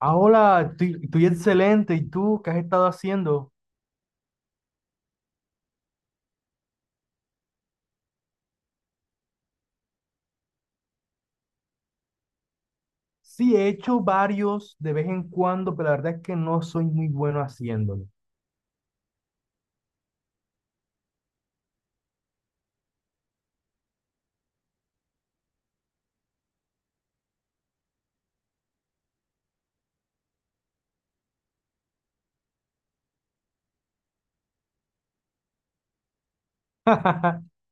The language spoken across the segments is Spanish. Ah, hola, estoy excelente. ¿Y tú qué has estado haciendo? Sí, he hecho varios de vez en cuando, pero la verdad es que no soy muy bueno haciéndolo.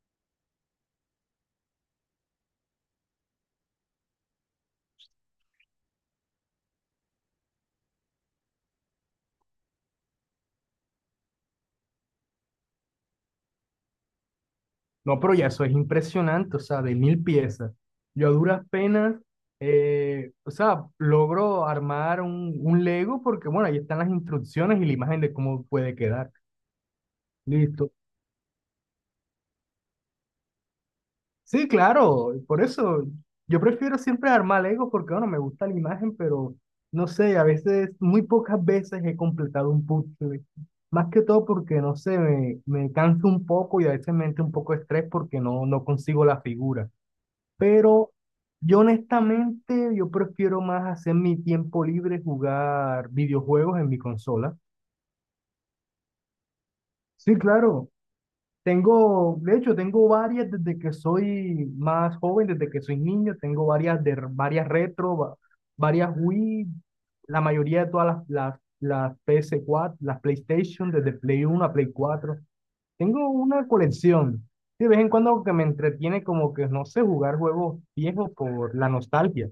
No, pero ya eso es impresionante, o sea, de mil piezas. Yo a duras penas, o sea, logro armar un Lego porque, bueno, ahí están las instrucciones y la imagen de cómo puede quedar. Listo. Sí, claro, por eso yo prefiero siempre armar Legos porque, bueno, me gusta la imagen, pero no sé, a veces, muy pocas veces he completado un puzzle. Más que todo porque, no sé, me canso un poco y a veces me entra un poco de estrés porque no consigo la figura. Pero yo honestamente, yo prefiero más hacer mi tiempo libre jugar videojuegos en mi consola. Sí, claro. Tengo, de hecho, tengo varias desde que soy más joven, desde que soy niño, tengo varias de varias retro, varias Wii, la mayoría de todas las PS4, las PlayStation, desde Play Uno a Play Cuatro. Tengo una colección. De vez en cuando que me entretiene como que, no sé, jugar juegos viejos por la nostalgia.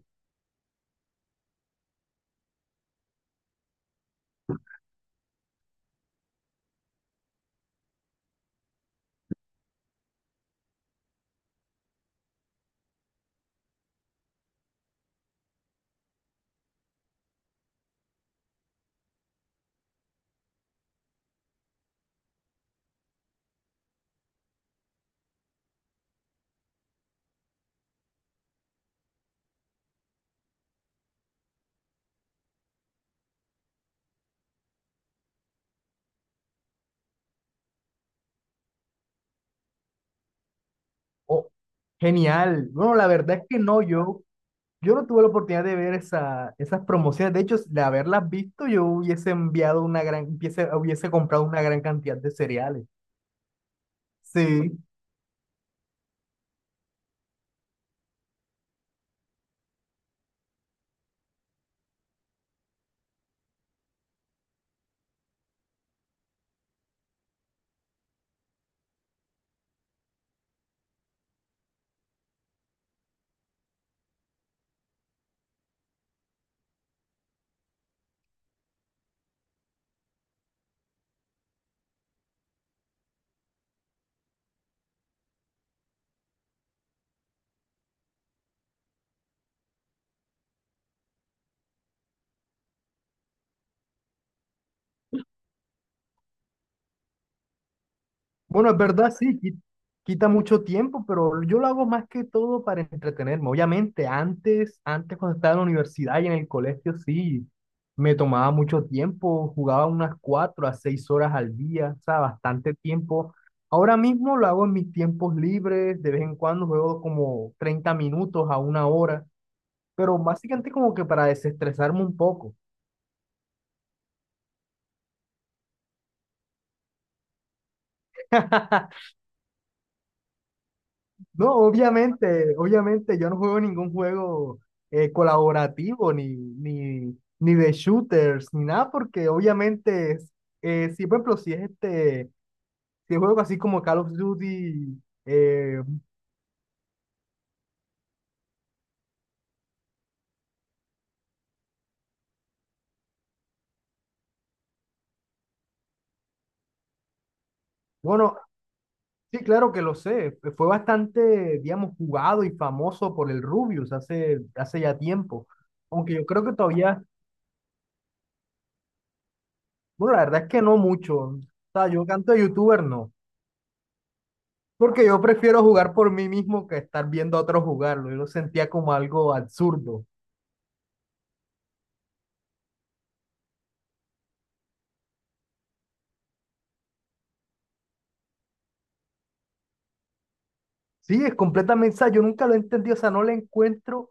Oh, genial. Bueno, la verdad es que no. yo Yo no tuve la oportunidad de ver esa, esas promociones. De hecho, de haberlas visto, yo hubiese enviado una gran, hubiese, hubiese comprado una gran cantidad de cereales. Sí. Bueno, es verdad, sí, quita mucho tiempo, pero yo lo hago más que todo para entretenerme. Obviamente, antes cuando estaba en la universidad y en el colegio, sí, me tomaba mucho tiempo, jugaba unas cuatro a seis horas al día, o sea, bastante tiempo. Ahora mismo lo hago en mis tiempos libres, de vez en cuando juego como 30 minutos a una hora. Pero básicamente como que para desestresarme un poco. No, obviamente yo no juego ningún juego, colaborativo ni de shooters ni nada, porque obviamente, si por ejemplo, si es este, si es juego así como Call of Duty, eh, bueno, sí, claro que lo sé, fue bastante, digamos, jugado y famoso por el Rubius hace ya tiempo, aunque yo creo que todavía, bueno, la verdad es que no mucho, o sea, yo canto de youtuber no. Porque yo prefiero jugar por mí mismo que estar viendo a otros jugarlo. Yo lo sentía como algo absurdo. Sí, es completamente, o sea, yo nunca lo he entendido, o sea, no le encuentro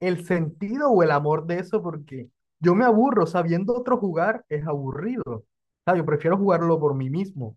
el sentido o el amor de eso porque yo me aburro, o sea, viendo a otro jugar es aburrido. O sea, yo prefiero jugarlo por mí mismo.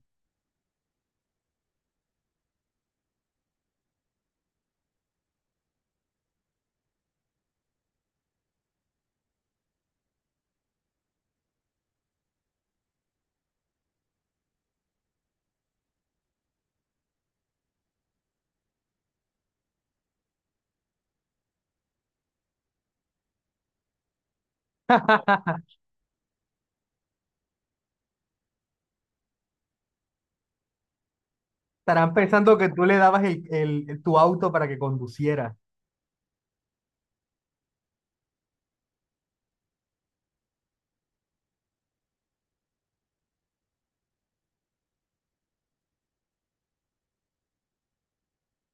Estarán pensando que tú le dabas tu auto para que conduciera.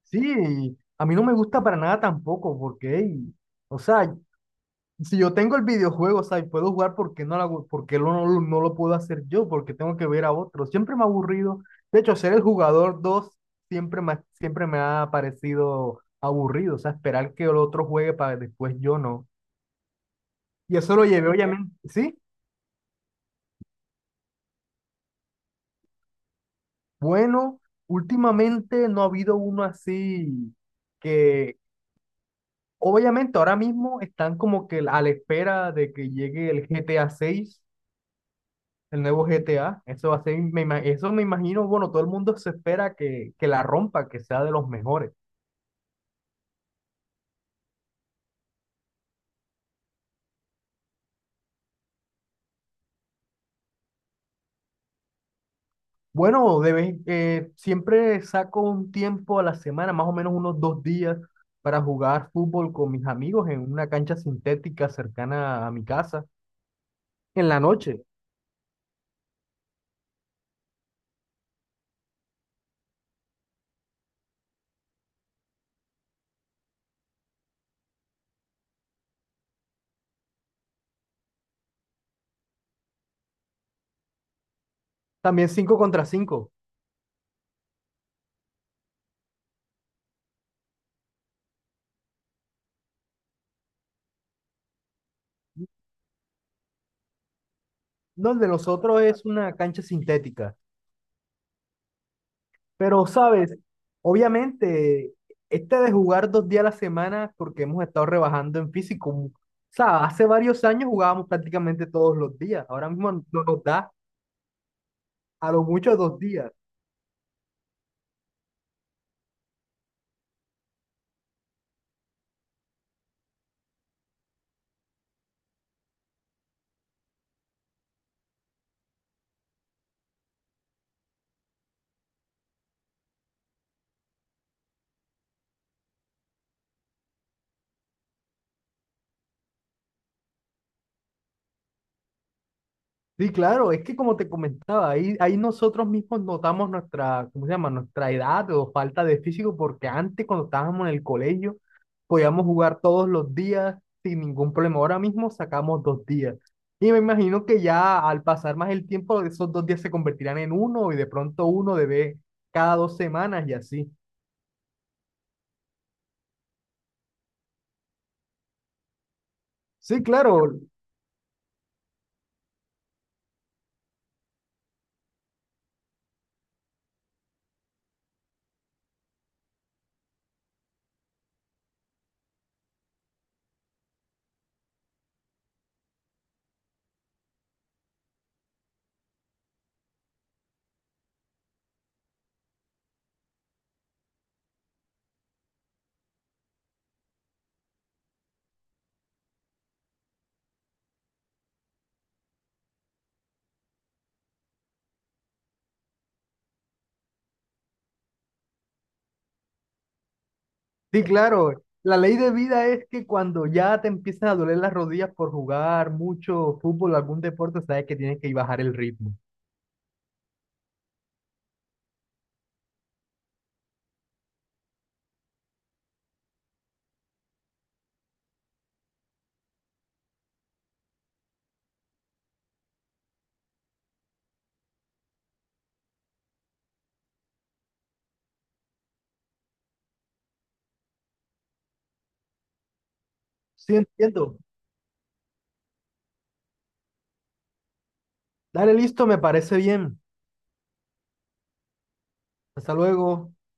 Sí, a mí no me gusta para nada tampoco porque, ey, o sea, si yo tengo el videojuego, o sea, y puedo jugar, ¿por qué no lo hago- por qué lo- no, lo- no lo puedo hacer yo? Porque tengo que ver a otros. Siempre me ha aburrido. De hecho, ser el jugador 2 siempre me ha parecido aburrido. O sea, esperar que el otro juegue para después yo no. Y eso lo llevé, obviamente. Sí, bueno, últimamente no ha habido uno así que, obviamente, ahora mismo están como que a la espera de que llegue el GTA 6. El nuevo GTA, eso va a ser, eso me imagino, bueno, todo el mundo se espera que la rompa, que sea de los mejores. Bueno, siempre saco un tiempo a la semana, más o menos unos dos días, para jugar fútbol con mis amigos en una cancha sintética cercana a mi casa, en la noche. También cinco contra 5 donde nosotros es una cancha sintética. Pero, ¿sabes? Obviamente, este de jugar dos días a la semana, porque hemos estado rebajando en físico, o sea, hace varios años jugábamos prácticamente todos los días, ahora mismo no nos da a lo mucho dos días. Sí, claro, es que como te comentaba, ahí nosotros mismos notamos nuestra, ¿cómo se llama? Nuestra edad o falta de físico, porque antes cuando estábamos en el colegio podíamos jugar todos los días sin ningún problema. Ahora mismo sacamos dos días. Y me imagino que ya al pasar más el tiempo, esos dos días se convertirán en uno y de pronto uno debe cada dos semanas y así. Sí, claro. Sí, claro. La ley de vida es que cuando ya te empiezan a doler las rodillas por jugar mucho fútbol o algún deporte, sabes que tienes que bajar el ritmo. Sí, entiendo. Dale, listo, me parece bien. Hasta luego.